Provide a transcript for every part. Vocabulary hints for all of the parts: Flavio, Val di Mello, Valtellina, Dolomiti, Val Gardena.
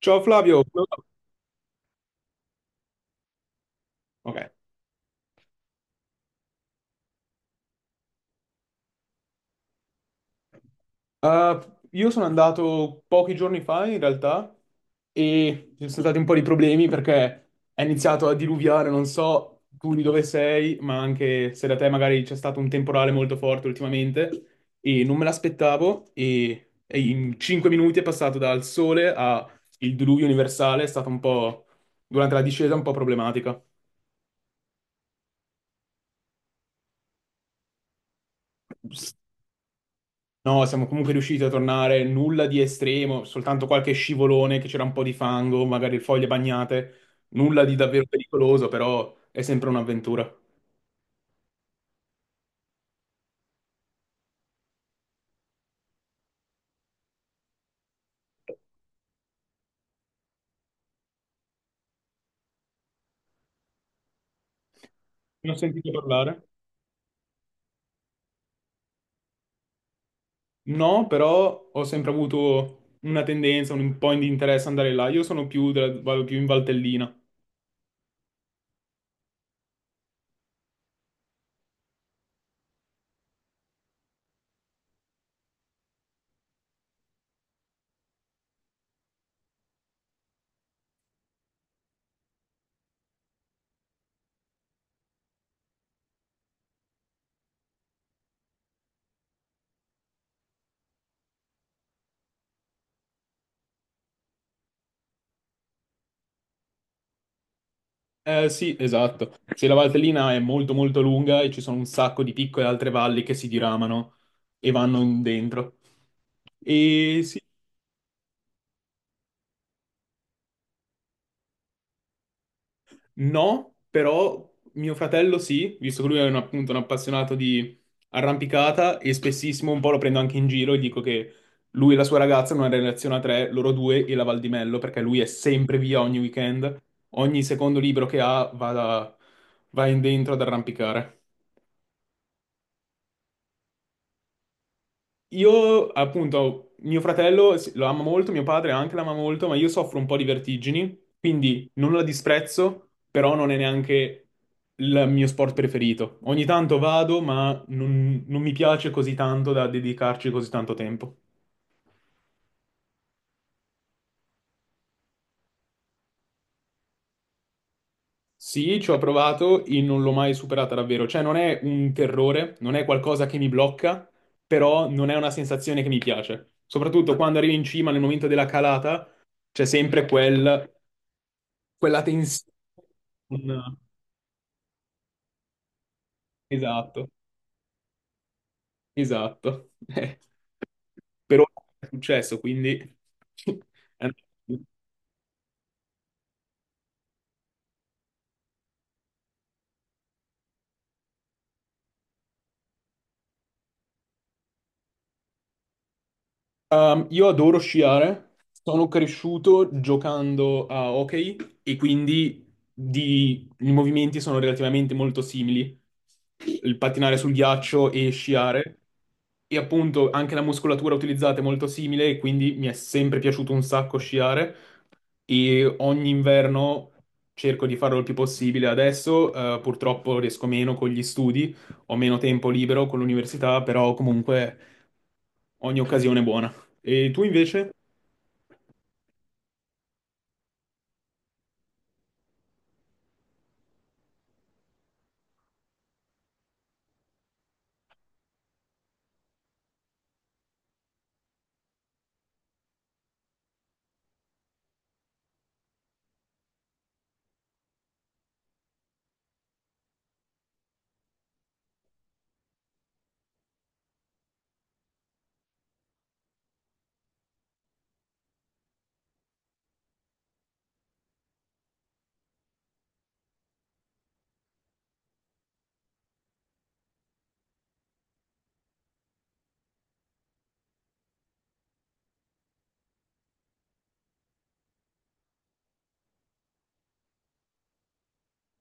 Ciao Flavio. Ok. Io sono andato pochi giorni fa in realtà e ci sono stati un po' di problemi perché è iniziato a diluviare, non so tu di dove sei, ma anche se da te magari c'è stato un temporale molto forte ultimamente e non me l'aspettavo e in 5 minuti è passato dal sole al diluvio universale, è stata un po' durante la discesa un po' problematica. No, siamo comunque riusciti a tornare, nulla di estremo, soltanto qualche scivolone che c'era un po' di fango, magari foglie bagnate, nulla di davvero pericoloso, però è sempre un'avventura. Non ho sentito parlare? No, però ho sempre avuto una tendenza, un po' di interesse ad andare là. Io sono più, vado più in Valtellina. Eh sì, esatto. Sì, la Valtellina è molto molto lunga e ci sono un sacco di piccole altre valli che si diramano e vanno in dentro. E sì. No, però mio fratello sì, visto che lui è un, appunto un appassionato di arrampicata e spessissimo un po' lo prendo anche in giro e dico che lui e la sua ragazza hanno una relazione a tre, loro due e la Val di Mello, perché lui è sempre via ogni weekend, ogni secondo libro che ha va, va in dentro ad arrampicare. Io, appunto, mio fratello sì, lo ama molto, mio padre anche l'ama molto, ma io soffro un po' di vertigini, quindi non la disprezzo, però non è neanche il mio sport preferito. Ogni tanto vado, ma non, non mi piace così tanto da dedicarci così tanto tempo. Sì, ci ho provato e non l'ho mai superata davvero, cioè non è un terrore, non è qualcosa che mi blocca, però non è una sensazione che mi piace. Soprattutto quando arrivi in cima nel momento della calata, c'è sempre quel... quella tensione. Un- Esatto, esatto. Però è successo, quindi... è andato. Io adoro sciare, sono cresciuto giocando a hockey e quindi i movimenti sono relativamente molto simili, il pattinare sul ghiaccio e sciare e appunto anche la muscolatura utilizzata è molto simile e quindi mi è sempre piaciuto un sacco sciare e ogni inverno cerco di farlo il più possibile. Adesso purtroppo riesco meno con gli studi, ho meno tempo libero con l'università, però comunque ogni occasione è buona. E tu invece?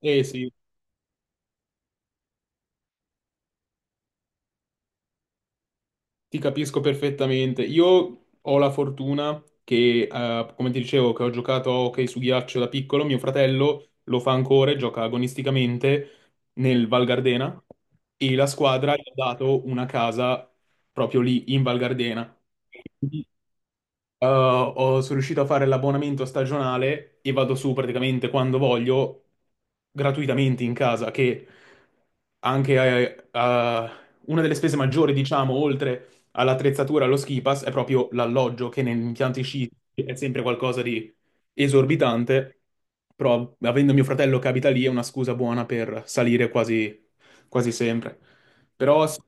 Eh sì, ti capisco perfettamente. Io ho la fortuna che, come ti dicevo, che ho giocato a hockey su ghiaccio da piccolo, mio fratello lo fa ancora e gioca agonisticamente nel Val Gardena e la squadra gli ha dato una casa proprio lì in Val Gardena. Sono riuscito a fare l'abbonamento stagionale e vado su praticamente quando voglio, gratuitamente in casa, che anche una delle spese maggiori, diciamo, oltre all'attrezzatura, allo ski pass, è proprio l'alloggio, che negli impianti sci è sempre qualcosa di esorbitante, però avendo mio fratello che abita lì è una scusa buona per salire quasi, quasi sempre. Però sì.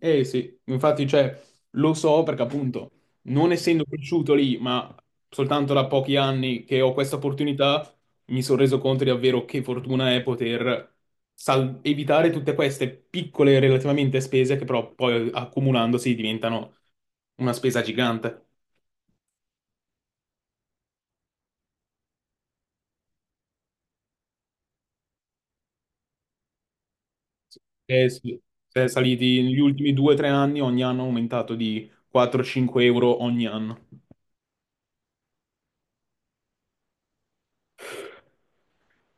Eh sì, infatti, cioè, lo so perché appunto, non essendo cresciuto lì, ma soltanto da pochi anni che ho questa opportunità, mi sono reso conto di davvero che fortuna è poter evitare tutte queste piccole relativamente spese che però poi accumulandosi diventano una spesa gigante. Sì. Eh sì, è saliti negli ultimi due o tre anni, ogni anno è aumentato di 4-5 euro ogni anno.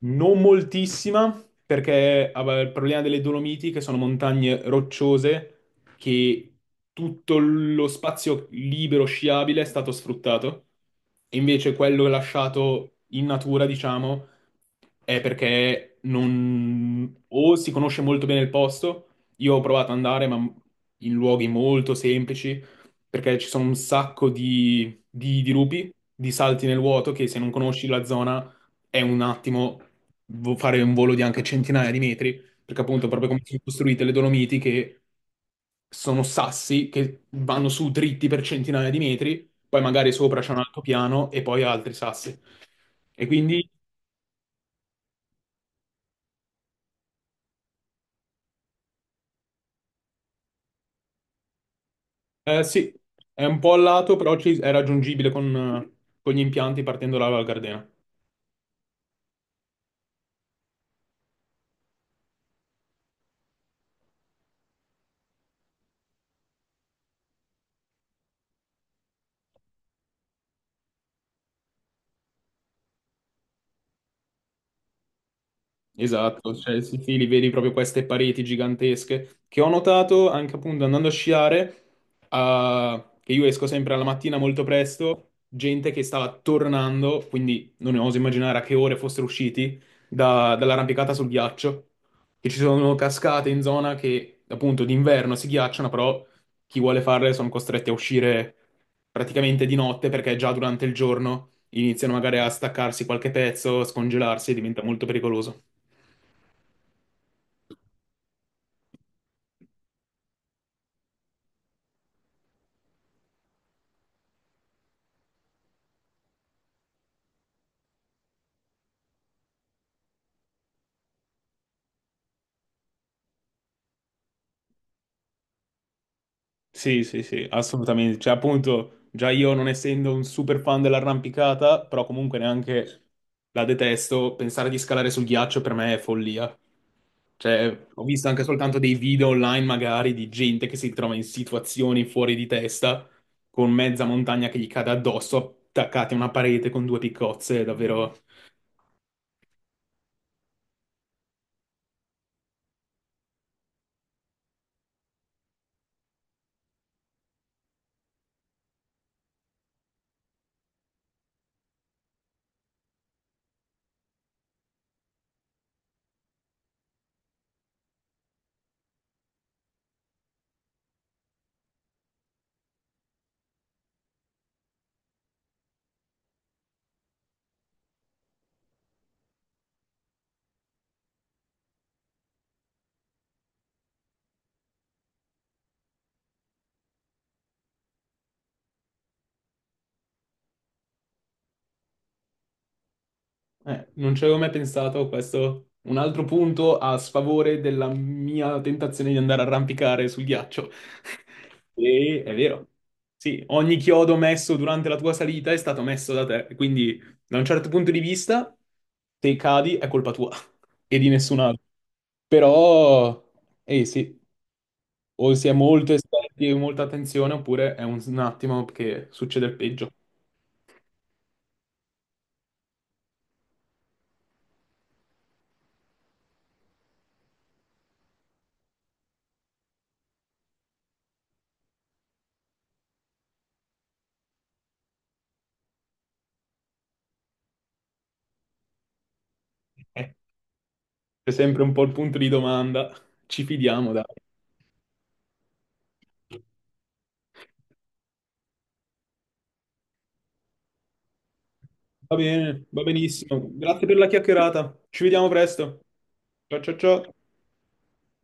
Non moltissima, perché vabbè, il problema delle Dolomiti, che sono montagne rocciose, che tutto lo spazio libero sciabile è stato sfruttato, e invece quello lasciato in natura, diciamo, è perché non... o si conosce molto bene il posto, io ho provato ad andare, ma in luoghi molto semplici, perché ci sono un sacco di dirupi, di salti nel vuoto, che se non conosci la zona è un attimo fare un volo di anche centinaia di metri, perché appunto proprio come sono costruite le Dolomiti che sono sassi che vanno su dritti per centinaia di metri, poi magari sopra c'è un altopiano e poi altri sassi. E quindi sì, è un po' a lato, però è raggiungibile con gli impianti partendo dalla Val Gardena. Esatto, cioè sì, sì, li vedi proprio queste pareti gigantesche che ho notato anche appunto andando a sciare, ah, che io esco sempre alla mattina molto presto, gente che stava tornando, quindi non oso immaginare a che ore fossero usciti dall'arrampicata sul ghiaccio, che ci sono cascate in zona che appunto d'inverno si ghiacciano, però chi vuole farle sono costretti a uscire praticamente di notte perché già durante il giorno iniziano magari a staccarsi qualche pezzo, a scongelarsi e diventa molto pericoloso. Sì, sì, sì, assolutamente. Cioè, appunto, già io non essendo un super fan dell'arrampicata, però comunque neanche la detesto, pensare di scalare sul ghiaccio per me è follia. Cioè, ho visto anche soltanto dei video online, magari, di gente che si trova in situazioni fuori di testa, con mezza montagna che gli cade addosso, attaccati a una parete con due piccozze, è davvero. Non ci avevo mai pensato, questo un altro punto a sfavore della mia tentazione di andare a arrampicare sul ghiaccio. E è vero. Sì, ogni chiodo messo durante la tua salita è stato messo da te, quindi da un certo punto di vista, se cadi è colpa tua e di nessun altro. Però, eh sì, o si è molto esperti e molta attenzione, oppure è un attimo che succede il peggio. Eh, c'è sempre un po' il punto di domanda. Ci fidiamo, dai. Va bene, va benissimo. Grazie per la chiacchierata. Ci vediamo presto. Ciao ciao ciao.